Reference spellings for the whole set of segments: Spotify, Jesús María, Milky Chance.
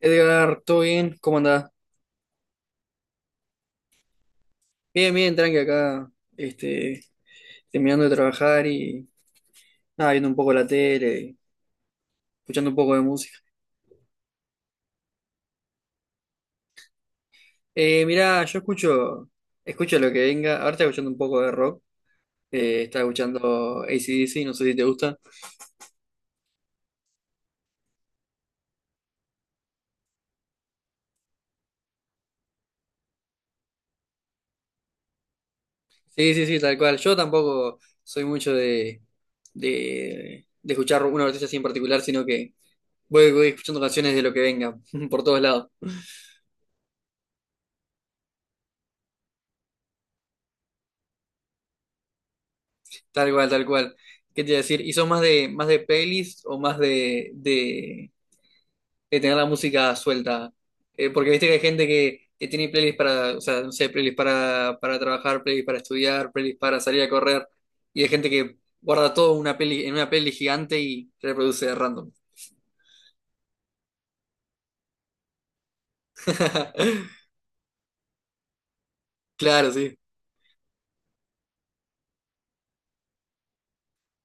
Edgar, ¿todo bien? ¿Cómo andás? Bien, bien, tranqui acá, este, terminando de trabajar y nada, viendo un poco la tele, y escuchando un poco de música. Mirá, escucho lo que venga, ahora estoy escuchando un poco de rock. Estaba escuchando AC/DC, no sé si te gusta. Sí, sí, sí, tal cual. Yo tampoco soy mucho de escuchar una artista así en particular, sino que voy escuchando canciones de lo que venga, por todos lados. Tal cual, tal cual. ¿Qué te iba a decir? ¿Y son más de pelis o más de tener la música suelta? Porque viste que hay gente que tiene playlists para, o sea, no sé, playlists para trabajar, playlists para estudiar, playlists para salir a correr. Y hay gente que guarda todo una peli, en una peli gigante y reproduce de random. Claro, sí.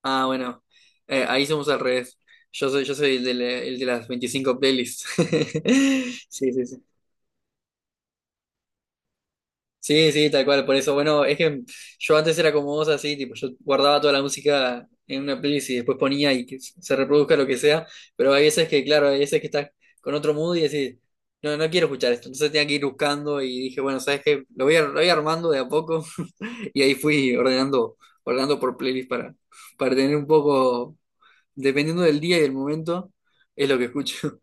Ah, bueno. Ahí somos al revés. Yo soy el de, el de las 25 playlists. Sí, sí, sí. Sí, sí, tal cual, por eso, bueno, es que yo antes era como vos así, tipo, yo guardaba toda la música en una playlist y después ponía y que se reproduzca lo que sea, pero hay veces que, claro, hay veces que estás con otro mood y decís, no, no quiero escuchar esto, entonces tenía que ir buscando y dije, bueno, ¿sabes qué? Lo voy, lo voy armando de a poco y ahí fui ordenando, ordenando por playlist para tener un poco, dependiendo del día y del momento, es lo que escucho.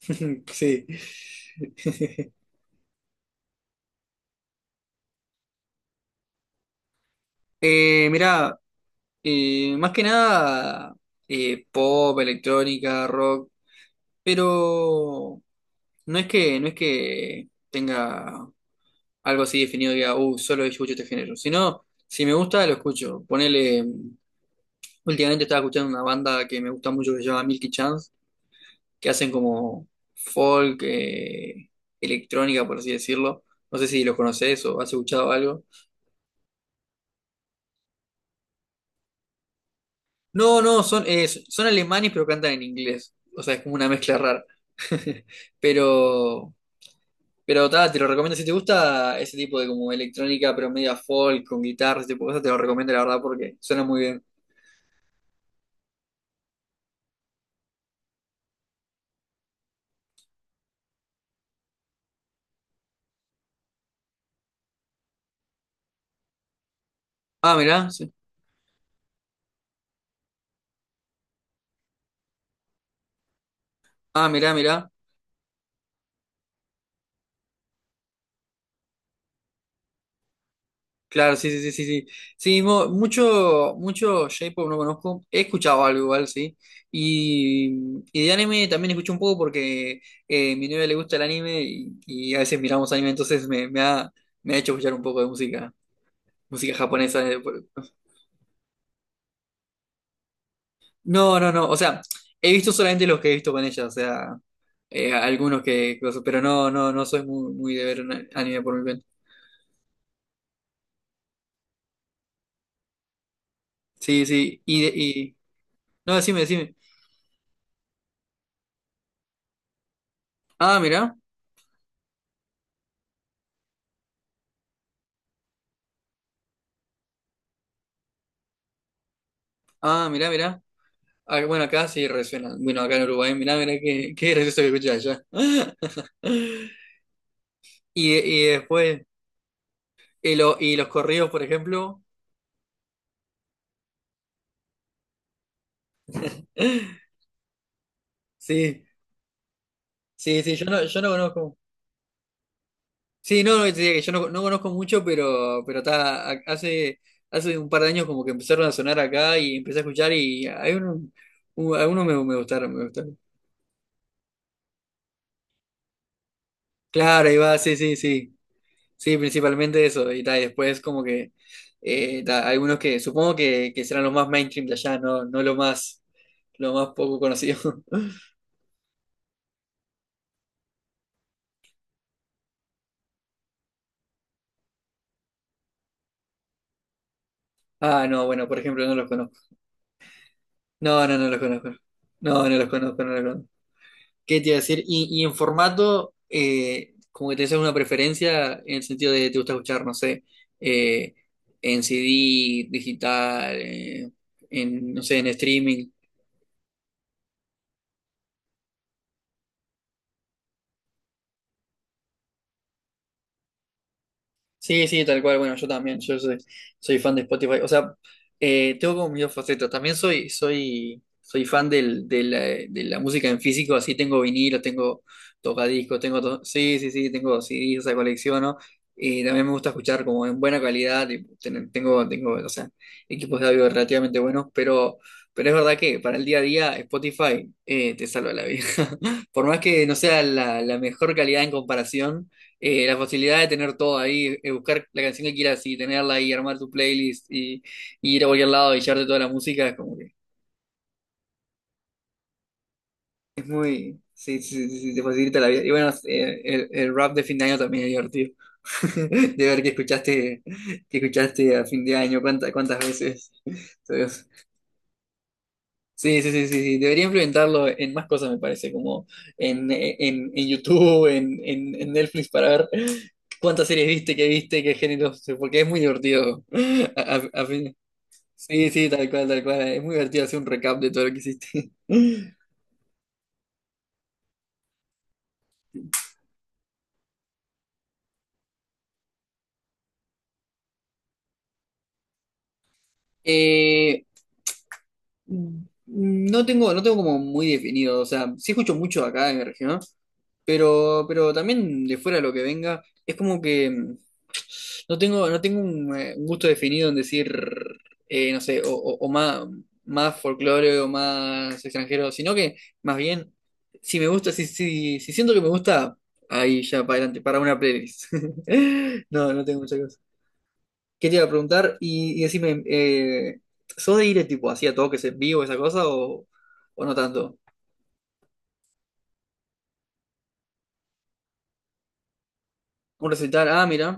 Sí. Mirá. Más que nada pop, electrónica, rock, pero no es que tenga algo así definido, diga, solo yo escucho este género, sino si me gusta, lo escucho. Ponele, últimamente estaba escuchando una banda que me gusta mucho que se llama Milky Chance, que hacen como folk, electrónica, por así decirlo. No sé si los conoces o has escuchado algo. No, no, son, son alemanes pero cantan en inglés. O sea, es como una mezcla rara. Pero, pero ta, te lo recomiendo. Si te gusta ese tipo de como electrónica, pero media folk, con guitarras ese tipo de cosas, te lo recomiendo la verdad porque suena muy bien. Ah, mirá, sí. Ah, mirá, mirá. Claro, sí, sí, sí, sí, sí. Sí, mucho, mucho J-pop no conozco. He escuchado algo igual, sí. Y de anime también escucho un poco porque a mi novia le gusta el anime y a veces miramos anime, entonces me ha hecho escuchar un poco de música, música japonesa. No, no, no. O sea, he visto solamente los que he visto con ella, o sea, algunos que, cosas, pero no, no, no soy muy, muy de ver un anime por mi cuenta. Sí, sí. Y, y... No, decime, decime. Ah, mirá. Ah, mirá, mirá. Ah, bueno, acá sí resuena. Bueno, acá en Uruguay, mirá, mirá qué, qué gracioso que escuché allá. Y, y después, y, y los corridos, por ejemplo. Sí, sí, sí, yo no, yo no conozco. Sí, no, no, te diría que yo no, no conozco mucho, pero está, hace un par de años como que empezaron a sonar acá y empecé a escuchar y hay uno, algunos me, me gustaron, me gustaron. Claro, ahí va, sí, sí, sí. Sí, principalmente eso, y, ta, y después como que ta, algunos que supongo que serán los más mainstream de allá, no, no lo más, lo más poco conocido. Ah, no, bueno, por ejemplo, no los conozco. No, no, no los conozco. No, no los conozco, no los conozco. ¿Qué te iba a decir? Y en formato, como que te haces una preferencia en el sentido de te gusta escuchar, no sé, eh, en CD, digital, en, no sé, en streaming. Sí, sí, tal cual. Bueno, yo también, soy fan de Spotify. O sea, tengo como mis dos facetas. También soy fan de la música en físico, así tengo vinilos, tengo tocadiscos, sí, sí, sí, tengo CDs, esa colecciono. Y también me gusta escuchar como en buena calidad, y tengo, o sea, equipos de audio relativamente buenos, pero es verdad que para el día a día Spotify te salva la vida. Por más que no sea la, la mejor calidad en comparación la facilidad de tener todo ahí, buscar la canción que quieras y tenerla ahí, armar tu playlist y ir a cualquier lado y llevarte toda la música, es como que es muy, sí, sí, sí, sí, te facilita la vida. Y bueno, el rap de fin de año también es divertido. De ver que escuchaste a fin de año, cuántas, cuántas veces. Sí, sí, sí, sí, sí. Debería implementarlo en más cosas, me parece, como en YouTube, en Netflix, para ver cuántas series viste, qué géneros, porque es muy divertido. A- a- a fin- Sí, sí, tal cual, tal cual. Es muy divertido hacer un recap de todo lo que hiciste. Eh, no tengo, no tengo como muy definido, o sea, sí escucho mucho acá en mi región. Pero también de fuera lo que venga, es como que no tengo, no tengo un gusto definido en decir, no sé, o más, más folclore o más extranjero, sino que más bien, si me gusta, si siento que me gusta, ahí ya para adelante, para una playlist. No, no tengo mucha cosa. ¿Qué te iba a preguntar? Y decime, ¿sos de ir tipo así a toques en vivo, esa cosa, o no tanto? Un recital, ah, mira.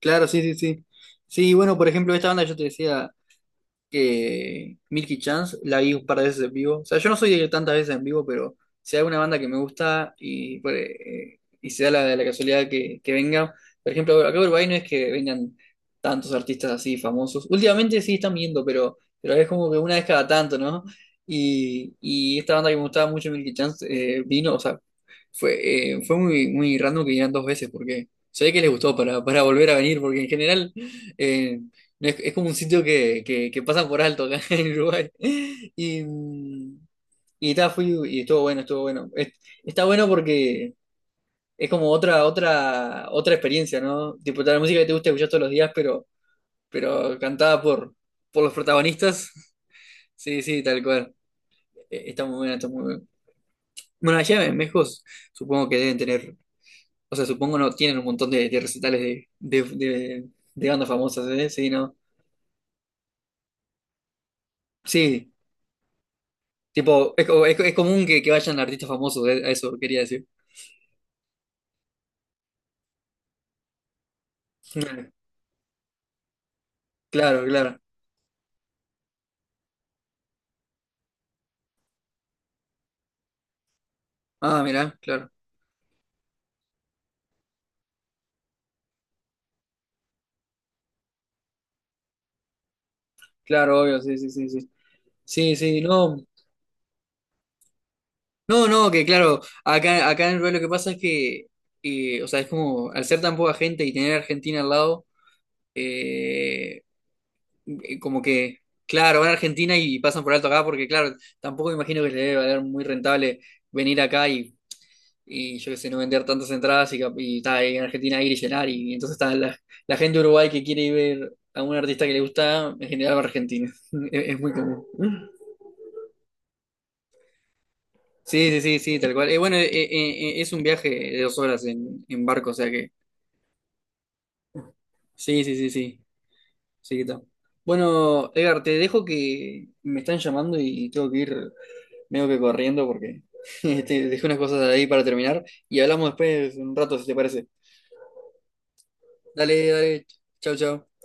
Claro, sí, sí, sí. Sí, bueno, por ejemplo, esta banda yo te decía, que Milky Chance la vi un par de veces en vivo. O sea, yo no soy de ir tantas veces en vivo, pero si hay una banda que me gusta y, pues, y se da la, la casualidad que venga. Por ejemplo, acá en Uruguay no es que vengan tantos artistas así famosos. Últimamente sí están viendo, pero es como que una vez cada tanto, ¿no? Y esta banda que me gustaba mucho, Milky Chance, vino, o sea, fue, fue muy, muy random que vinieran dos veces porque se ve que les gustó para volver a venir, porque en general. Eh, es como un sitio que pasan por alto acá en Uruguay. Y, y ta, fui y estuvo bueno, estuvo bueno. Está bueno porque es como otra, otra, otra experiencia, ¿no? Tipo, la música que te gusta escuchar todos los días, pero cantada por los protagonistas. Sí, sí, tal cual. Está muy buena, está muy buena. Bueno, allá en México supongo que deben tener, o sea, supongo no, tienen un montón de recitales de bandas famosas, ¿eh? Sí, ¿no? Sí. Tipo, es, es común que vayan artistas famosos, a eso quería decir. Claro, claro. Ah, mirá, claro. Claro, obvio, sí, sí, sí, sí. Sí, sí, no. No, no, que claro, acá, acá en realidad lo que pasa es que, o sea, es como, al ser tan poca gente y tener a Argentina al lado, eh, como que, claro, van a Argentina y pasan por alto acá, porque claro, tampoco me imagino que les debe valer muy rentable venir acá y yo qué sé, no vender tantas entradas y, y está ahí en Argentina ir y llenar. Y, entonces está la, la gente de Uruguay que quiere ir ver a un artista que le gusta, en general va a Argentina. Es muy común. Sí, sí, sí, sí, tal cual. Bueno, es un viaje de 2 horas en barco, o sea que. Sí, sí, sí, sí. Sí, que está. Bueno, Edgar, te dejo que me están llamando y tengo que ir medio que corriendo porque dejé unas cosas ahí para terminar y hablamos después un rato, si te parece. Dale, dale. Chau, chau.